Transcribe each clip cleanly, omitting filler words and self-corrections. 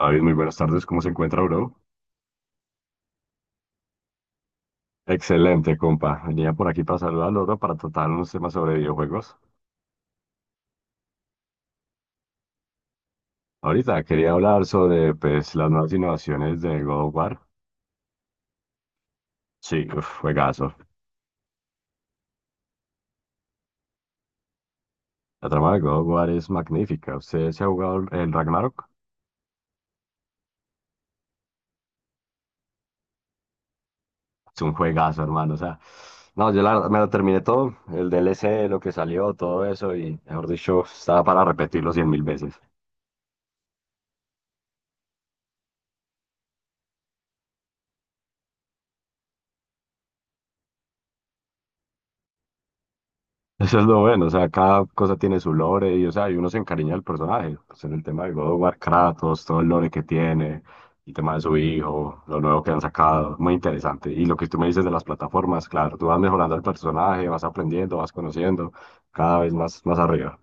David, muy buenas tardes, ¿cómo se encuentra, bro? Excelente, compa. Venía por aquí para saludarlo al para tratar unos temas sobre videojuegos. Ahorita quería hablar sobre pues, las nuevas innovaciones de God of War. Sí, uf, juegazo. La trama de God of War es magnífica. ¿Usted se ha jugado el Ragnarok? Es un juegazo, hermano. O sea, no, yo la verdad me lo terminé todo, el DLC, lo que salió, todo eso, y mejor dicho, estaba para repetirlo cien mil veces. Eso es lo bueno, o sea, cada cosa tiene su lore y, o sea, y uno se encariña del personaje. Pues en el tema de God of War, Kratos, todo el lore que tiene, el tema de su hijo, lo nuevo que han sacado, muy interesante. Y lo que tú me dices de las plataformas, claro, tú vas mejorando el personaje, vas aprendiendo, vas conociendo, cada vez más, más arriba.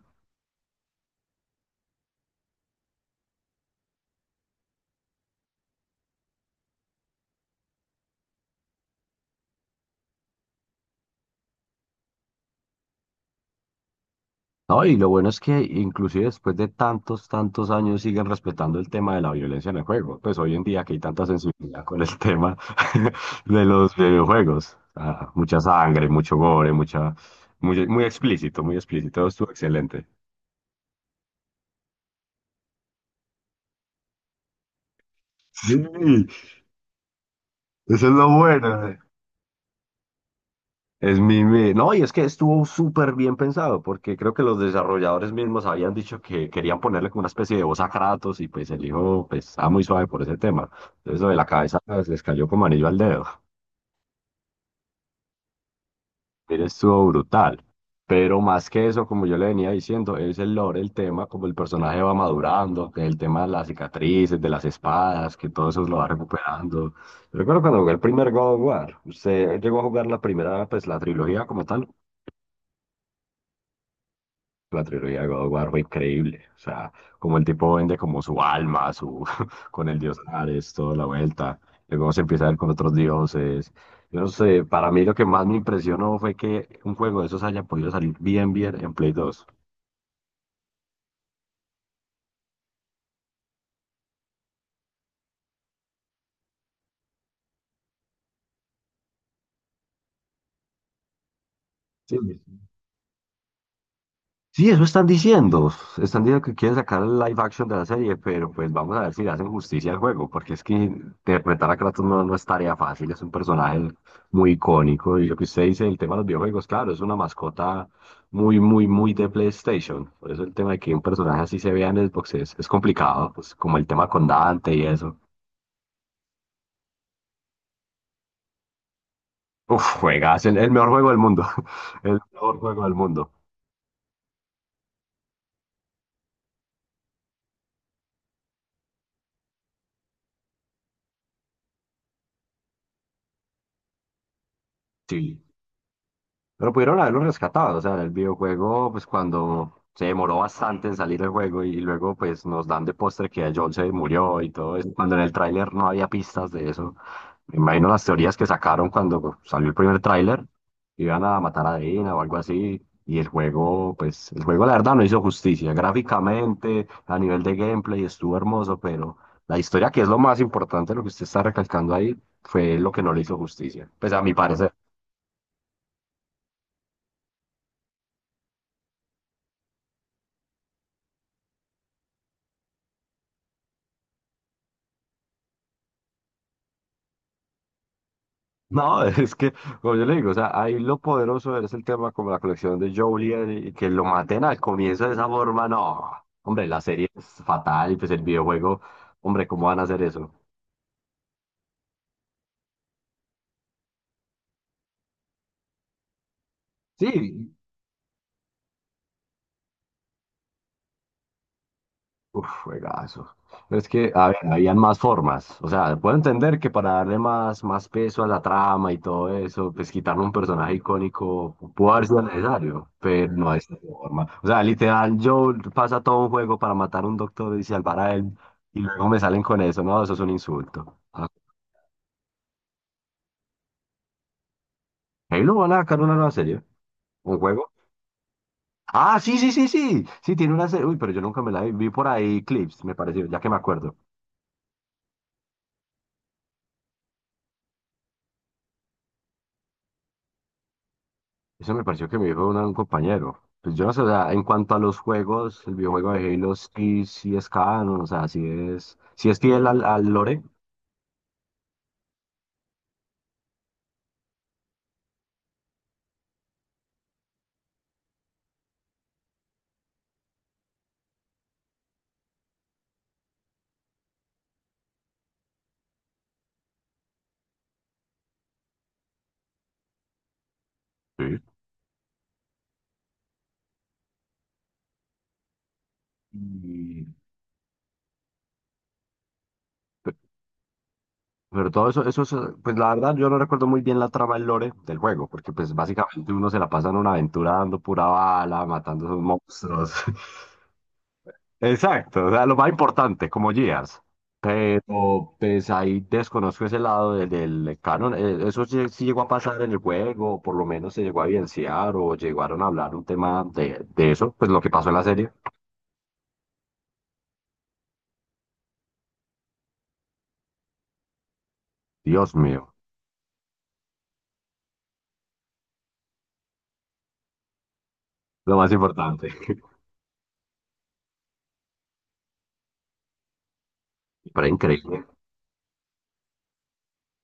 No, y lo bueno es que inclusive después de tantos años siguen respetando el tema de la violencia en el juego. Pues hoy en día que hay tanta sensibilidad con el tema de los videojuegos. Ah, mucha sangre, mucho gore, mucha, muy explícito, muy explícito. Estuvo excelente. Sí, eso es lo bueno. No, y es que estuvo súper bien pensado, porque creo que los desarrolladores mismos habían dicho que querían ponerle como una especie de voz a Kratos, y pues el hijo pues, estaba muy suave por ese tema. Entonces, lo de la cabeza pues, les cayó como anillo al dedo. Mire, estuvo brutal. Pero más que eso, como yo le venía diciendo, es el lore, el tema, como el personaje va madurando, que el tema de las cicatrices, de las espadas, que todo eso lo va recuperando. Yo recuerdo cuando jugué el primer God of War, ¿usted llegó a jugar la primera, pues la trilogía como tal? La trilogía de God of War fue increíble. O sea, como el tipo vende como su alma, su con el dios Ares, toda la vuelta. Luego se empieza a ver con otros dioses. Yo no sé, para mí lo que más me impresionó fue que un juego de esos haya podido salir bien, bien en Play dos. Sí. Sí, eso están diciendo. Están diciendo que quieren sacar el live action de la serie, pero pues vamos a ver si le hacen justicia al juego, porque es que interpretar a Kratos no, no es tarea fácil, es un personaje muy icónico. Y lo que usted dice, el tema de los videojuegos, claro, es una mascota muy de PlayStation. Por eso el tema de que un personaje así se vea en Xbox es complicado, pues como el tema con Dante y eso. Uf, juegas, el mejor juego del mundo. El mejor juego del mundo. Sí. Pero pudieron haberlo rescatado, o sea, el videojuego, pues cuando se demoró bastante en salir el juego y luego pues nos dan de postre que John se murió y todo eso, cuando en el tráiler no había pistas de eso. Me imagino las teorías que sacaron cuando salió el primer tráiler, iban a matar a Dina o algo así, y el juego, pues el juego la verdad no hizo justicia, gráficamente, a nivel de gameplay estuvo hermoso, pero la historia, que es lo más importante, lo que usted está recalcando ahí, fue lo que no le hizo justicia, pues a mi parecer. No, es que, como yo le digo, o sea, ahí lo poderoso es el tema como la colección de Jolie y que lo maten al comienzo de esa forma, no. Hombre, la serie es fatal y pues el videojuego, hombre, ¿cómo van a hacer eso? Sí, uf, juegazo. Pero es que, a ver, habían más formas. O sea, puedo entender que para darle más, más peso a la trama y todo eso, pues quitarle un personaje icónico pudo haber sido necesario, pero no de esta forma. O sea, literal, yo pasa todo un juego para matar a un doctor y salvar a él, y luego me salen con eso, ¿no? Eso es un insulto. Ah, ahí lo van a sacar una nueva serie, un juego. Ah, sí, sí, sí, sí. Sí, tiene una serie. Uy, pero yo nunca me la vi. Vi por ahí clips, me pareció, ya que me acuerdo. Eso me pareció que me dijo un compañero. Pues yo no sé, o sea, en cuanto a los juegos, el videojuego de Halo sí, sí es canon, o sea, sí es fiel al, al lore. Sí. Y- pe- pero todo eso, eso, es, pues la verdad yo no recuerdo muy bien la trama del lore del juego, porque pues básicamente uno se la pasa en una aventura dando pura bala, matando a esos monstruos. Exacto, o sea, lo más importante, como Gears. Pero pues ahí desconozco ese lado del canon. Eso sí, sí llegó a pasar en el juego, o por lo menos se llegó a evidenciar o llegaron a hablar un tema de eso, pues lo que pasó en la serie. Dios mío, lo más importante. Pero increíble.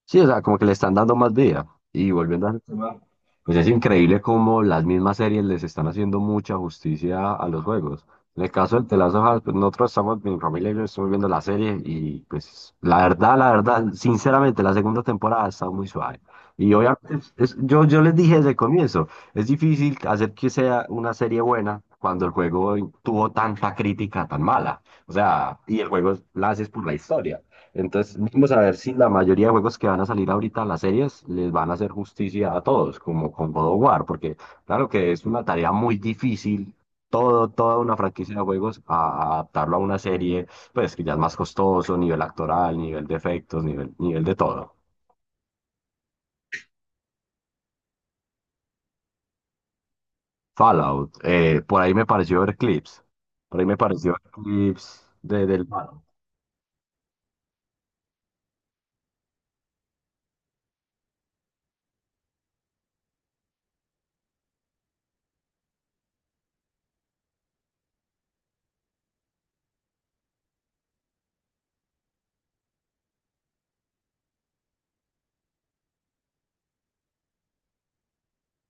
Sí, o sea, como que le están dando más vida. Y volviendo al tema, pues es increíble cómo las mismas series les están haciendo mucha justicia a los juegos. En el caso del The Last of Us, pues nosotros estamos, mi familia y yo estamos viendo la serie y pues la verdad, sinceramente, la segunda temporada ha estado muy suave. Y obviamente, yo les dije desde el comienzo, es difícil hacer que sea una serie buena cuando el juego tuvo tanta crítica tan mala. O sea, y el juego la haces por la historia. Entonces, vamos a ver si la mayoría de juegos que van a salir ahorita a las series les van a hacer justicia a todos, como con God of War, porque claro que es una tarea muy difícil, todo, toda una franquicia de juegos, a adaptarlo a una serie, pues que ya es más costoso, nivel actoral, nivel de efectos, nivel, nivel de todo. Fallout, por ahí me pareció ver clips, por ahí me pareció ver clips de, del Fallout.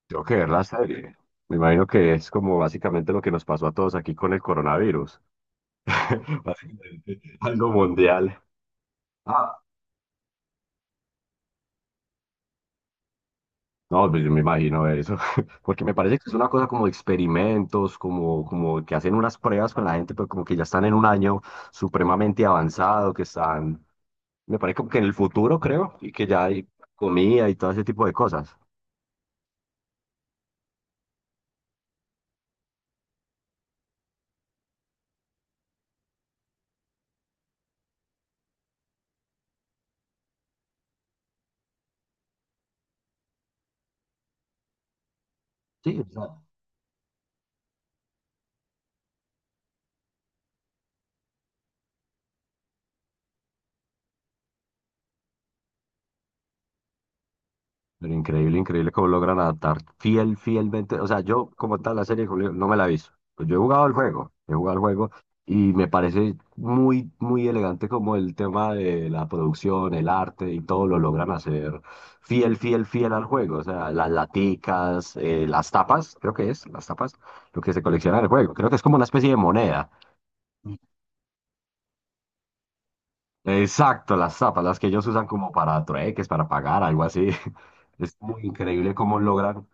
Tengo que ver la serie. Me imagino que es como básicamente lo que nos pasó a todos aquí con el coronavirus. Básicamente, algo mundial. Ah, no, pues yo me imagino eso. Porque me parece que es una cosa como de experimentos, como, como que hacen unas pruebas con la gente, pero como que ya están en un año supremamente avanzado, que están, me parece como que en el futuro, creo, y que ya hay comida y todo ese tipo de cosas. Sí, o sea, pero increíble, increíble cómo logran adaptar fiel, fielmente. O sea, yo como tal la serie de Julio no me la he visto. Pues yo he jugado el juego, he jugado el juego y me parece muy, muy elegante como el tema de la producción, el arte y todo lo logran hacer fiel, fiel, fiel al juego. O sea, las laticas, las tapas, creo que es, las tapas, lo que se colecciona en el juego. Creo que es como una especie de moneda. Exacto, las tapas, las que ellos usan como para trueques, para pagar, algo así. Es muy increíble cómo logran.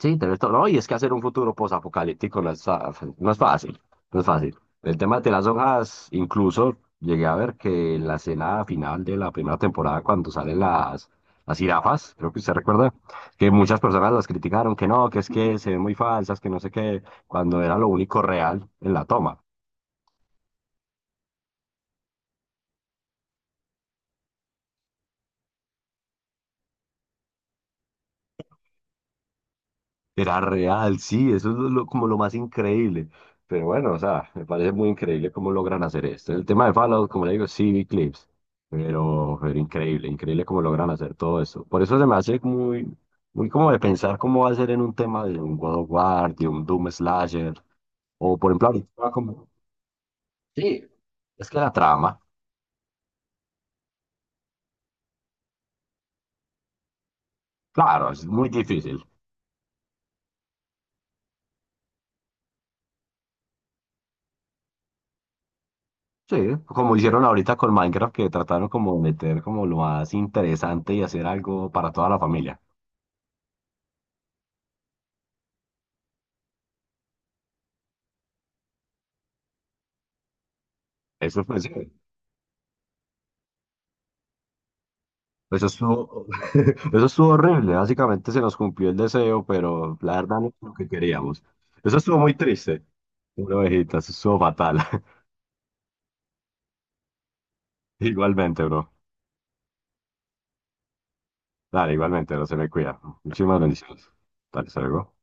Sí, tenés todo. No, y es que hacer un futuro posapocalíptico no es, no es fácil, no es fácil. El tema de las hojas, incluso llegué a ver que en la escena final de la primera temporada, cuando salen las jirafas, creo que usted recuerda, que muchas personas las criticaron, que no, que es que se ven muy falsas, que no sé qué, cuando era lo único real en la toma. Era real, sí, eso es como lo más increíble. Pero bueno, o sea, me parece muy increíble cómo logran hacer esto. El tema de Fallout, como le digo, sí vi clips, pero increíble, increíble cómo logran hacer todo eso. Por eso se me hace muy, muy como de pensar cómo va a ser en un tema de un God of War, de un Doom Slasher, o por ejemplo, ahorita como... Sí, es que la trama, claro, es muy difícil. Sí, como hicieron ahorita con Minecraft, que trataron como de meter como lo más interesante y hacer algo para toda la familia. Eso fue, eso estuvo, eso estuvo horrible. Básicamente se nos cumplió el deseo, pero la verdad no es lo que queríamos. Eso estuvo muy triste. Una ovejita, eso estuvo fatal. Igualmente, bro. Dale, igualmente, bro. Se me cuida. Muchísimas bendiciones. Dale, hasta luego.